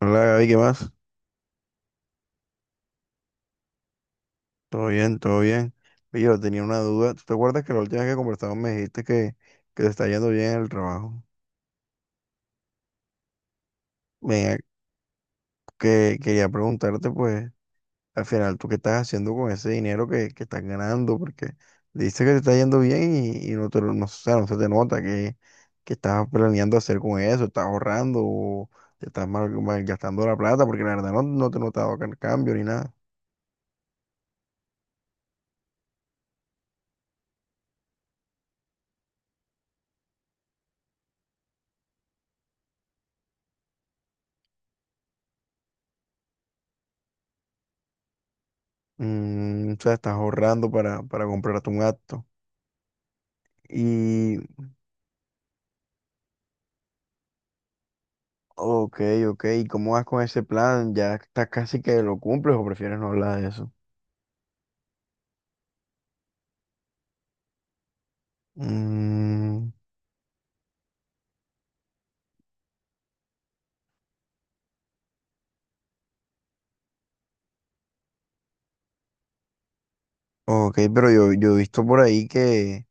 Hola Gaby, ¿qué más? Todo bien, todo bien. Oye, yo tenía una duda. ¿Tú te acuerdas que la última vez que conversamos me dijiste que te está yendo bien en el trabajo? Me, que quería preguntarte, pues, al final, ¿tú qué estás haciendo con ese dinero que estás ganando? Porque dices que te está yendo bien y no, o sea, no se te nota que estás planeando hacer con eso, estás ahorrando o te estás mal, gastando la plata, porque la verdad no, no te he notado cambio ni nada. Mm, o sea, estás ahorrando para comprarte un acto. Y Ok, ok. ¿Y cómo vas con ese plan? ¿Ya estás casi que lo cumples o prefieres no hablar de eso? Mm, ok, pero yo he visto por ahí que,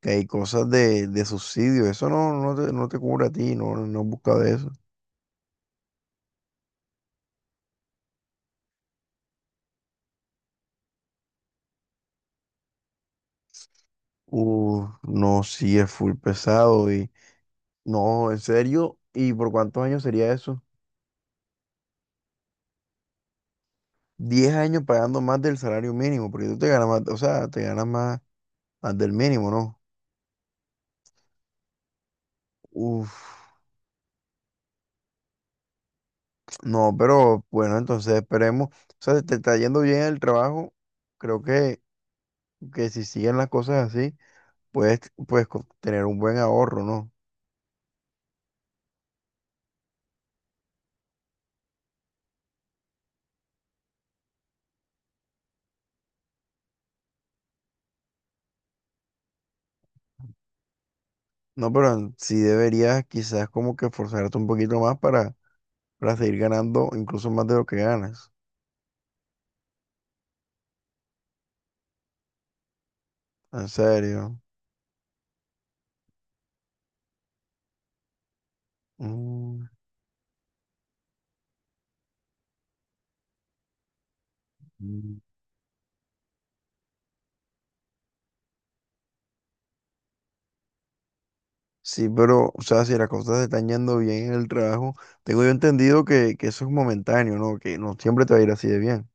que hay cosas de subsidio. Eso no te cubre a ti, no has buscado eso. Uf, no, sí, es full pesado y no, en serio. ¿Y por cuántos años sería eso? 10 años pagando más del salario mínimo, porque tú te ganas más, o sea, te ganas más, más del mínimo, ¿no? Uf. No, pero bueno, entonces esperemos. O sea, si te está yendo bien el trabajo. Creo que, si siguen las cosas así, puedes, puedes tener un buen ahorro, ¿no? No, pero sí deberías quizás como que esforzarte un poquito más para seguir ganando incluso más de lo que ganas. En serio. Mm. Mm. Sí, pero, o sea, si las cosas te están yendo bien en el trabajo, tengo yo entendido que eso es momentáneo, ¿no? Que no siempre te va a ir así de bien.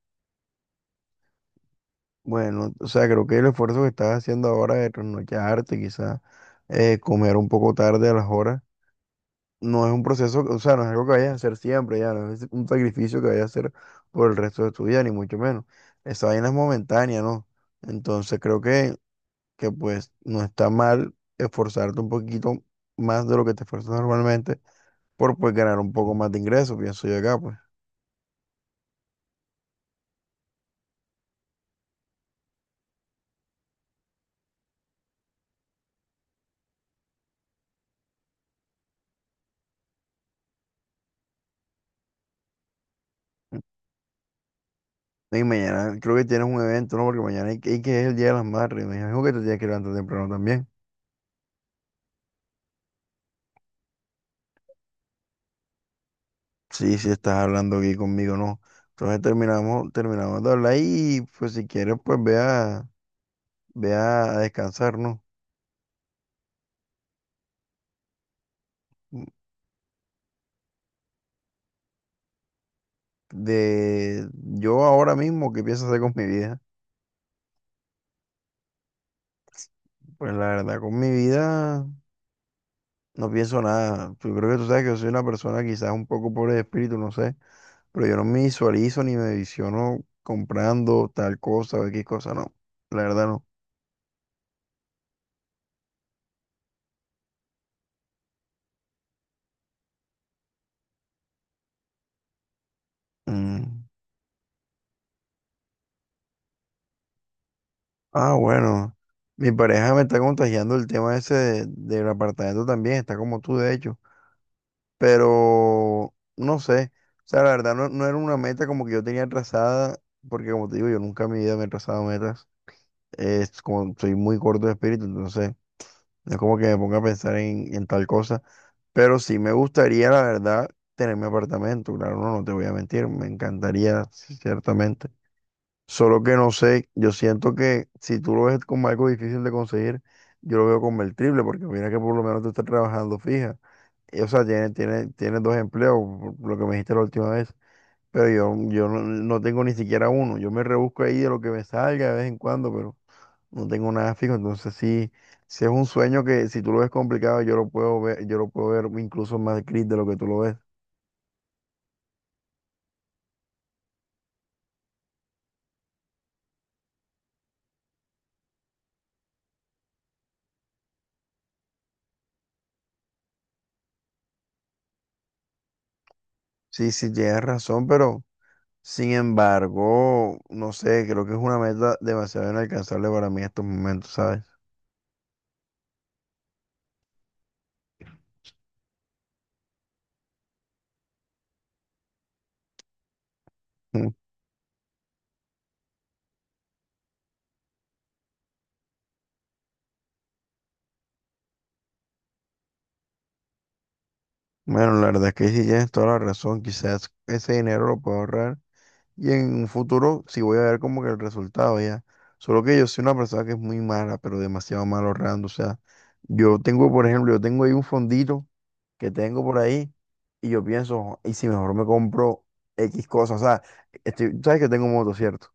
Bueno, o sea, creo que el esfuerzo que estás haciendo ahora de trasnocharte, quizás comer un poco tarde a las horas, no es un proceso, o sea, no es algo que vayas a hacer siempre, ya, no es un sacrificio que vayas a hacer por el resto de tu vida, ni mucho menos. Esa vaina es momentánea, ¿no? Entonces creo que, pues no está mal esforzarte un poquito más de lo que te esfuerzas normalmente por pues ganar un poco más de ingresos, pienso yo acá, pues. Y mañana creo que tienes un evento, ¿no? Porque mañana hay que es el Día de las Madres, me dijo que te tienes que levantar temprano también. Sí, sí, estás hablando aquí conmigo, no. Entonces terminamos de hablar y pues si quieres, pues ve a descansar, ¿no? Mm, de yo ahora mismo, ¿qué pienso hacer con mi vida? Pues la verdad, con mi vida no pienso nada. Pues, yo creo que tú sabes que yo soy una persona quizás un poco pobre de espíritu, no sé, pero yo no me visualizo ni me visiono comprando tal cosa o X cosa, no. La verdad no. Mm. Ah, bueno. Mi pareja me está contagiando el tema ese del apartamento también, está como tú de hecho, pero no sé, o sea, la verdad no era una meta como que yo tenía trazada, porque como te digo, yo nunca en mi vida me he trazado metas, es como soy muy corto de espíritu, entonces no es como que me ponga a pensar en tal cosa, pero sí me gustaría, la verdad, tener mi apartamento, claro, no te voy a mentir, me encantaría, sí, ciertamente. Solo que no sé, yo siento que si tú lo ves como algo difícil de conseguir, yo lo veo convertible porque mira que por lo menos tú estás trabajando fija. Y, o sea, tienes tiene, tiene tiene dos empleos, por lo que me dijiste la última vez. Pero yo no tengo ni siquiera uno. Yo me rebusco ahí de lo que me salga de vez en cuando, pero no tengo nada fijo. Entonces sí, sí es un sueño que si tú lo ves complicado, yo lo puedo ver, yo lo puedo ver incluso más gris de lo que tú lo ves. Sí, sí, tienes razón, pero sin embargo, no sé, creo que es una meta demasiado inalcanzable para mí en estos momentos, ¿sabes? Mm. Bueno, la verdad es que sí tienes toda la razón, quizás ese dinero lo puedo ahorrar y en un futuro sí voy a ver como que el resultado ya. Solo que yo soy una persona que es muy mala, pero demasiado mala ahorrando, o sea, yo tengo, por ejemplo, yo tengo ahí un fondito que tengo por ahí y yo pienso, "Jo, ¿y si mejor me compro X cosas? O sea, sabes que tengo moto, ¿cierto?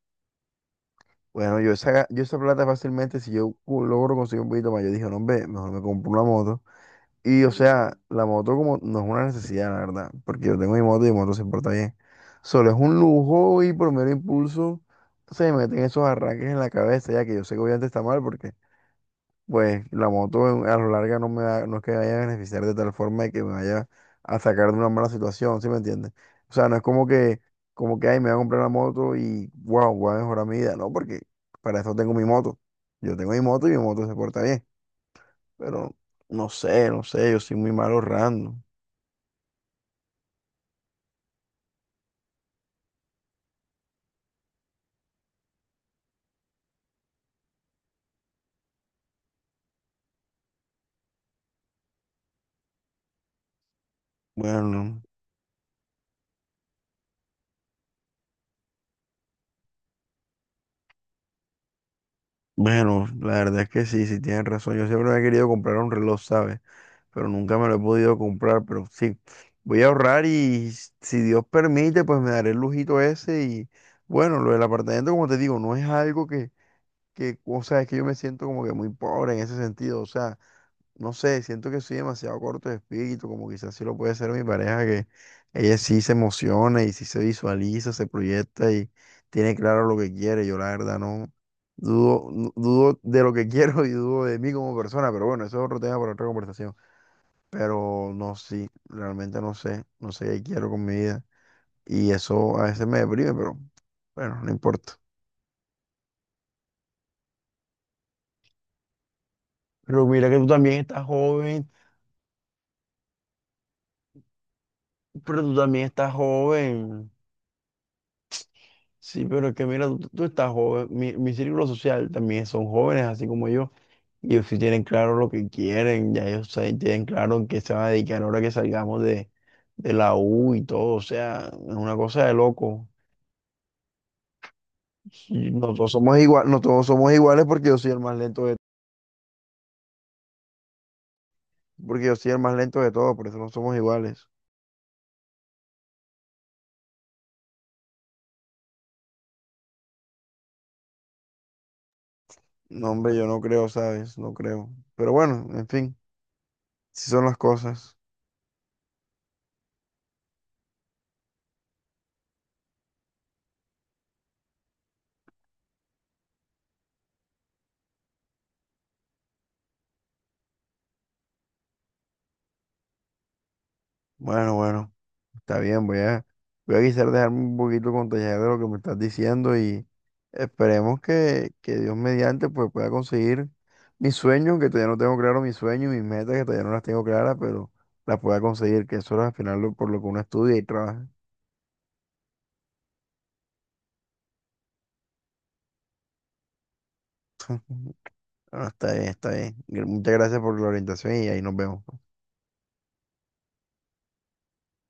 Bueno, yo esa plata fácilmente, si yo logro conseguir un poquito más, yo dije, no, hombre, mejor me compro una moto. Y o sea, la moto como no es una necesidad, la verdad, porque yo tengo mi moto y mi moto se porta bien. Solo es un lujo y por mero impulso se me meten esos arranques en la cabeza, ya que yo sé que obviamente está mal porque pues la moto a lo largo no es que me vaya a beneficiar de tal forma de que me vaya a sacar de una mala situación, ¿sí me entiendes? O sea, no es como que, ay, me voy a comprar la moto y, wow, voy a mejorar mi vida, no, porque para eso tengo mi moto. Yo tengo mi moto y mi moto se porta bien, pero no sé, no sé, yo soy muy mal ahorrando. Bueno, bueno, la verdad es que sí, sí tienes razón. Yo siempre me he querido comprar un reloj, ¿sabes? Pero nunca me lo he podido comprar, pero sí, voy a ahorrar y si Dios permite, pues me daré el lujito ese y bueno, lo del apartamento, como te digo, no es algo que o sea, es que yo me siento como que muy pobre en ese sentido, o sea, no sé, siento que soy demasiado corto de espíritu, como quizás sí lo puede ser mi pareja, que ella sí se emociona y sí se visualiza, se proyecta y tiene claro lo que quiere, yo la verdad no. Dudo, no, dudo de lo que quiero y dudo de mí como persona, pero bueno, eso es otro tema para otra conversación, pero no, sí, realmente no sé, no sé qué quiero con mi vida. Y eso a veces me deprime, pero bueno, no importa. Pero mira que tú también estás joven, pero tú también estás joven. Sí, pero es que mira, tú estás joven. Mi círculo social también son jóvenes, así como yo. Y ellos sí tienen claro lo que quieren, ya ellos tienen claro en qué se van a dedicar ahora que salgamos de, la U y todo. O sea, es una cosa de loco. Sí, no todos somos igual, no todos somos iguales porque yo soy el más lento. Porque yo soy el más lento de todos, por eso no somos iguales. No, hombre, yo no creo, ¿sabes? No creo. Pero bueno, en fin, si son las cosas. Bueno, bueno, está bien, voy a quizás dejarme un poquito contagiar de lo que me estás diciendo y esperemos que, Dios mediante pues pueda conseguir mis sueños, que todavía no tengo claro mis sueños y mis metas, que todavía no las tengo claras, pero las pueda conseguir, que eso es al final por lo que uno estudia y trabaja. Bueno, está bien, está bien. Muchas gracias por la orientación y ahí nos vemos.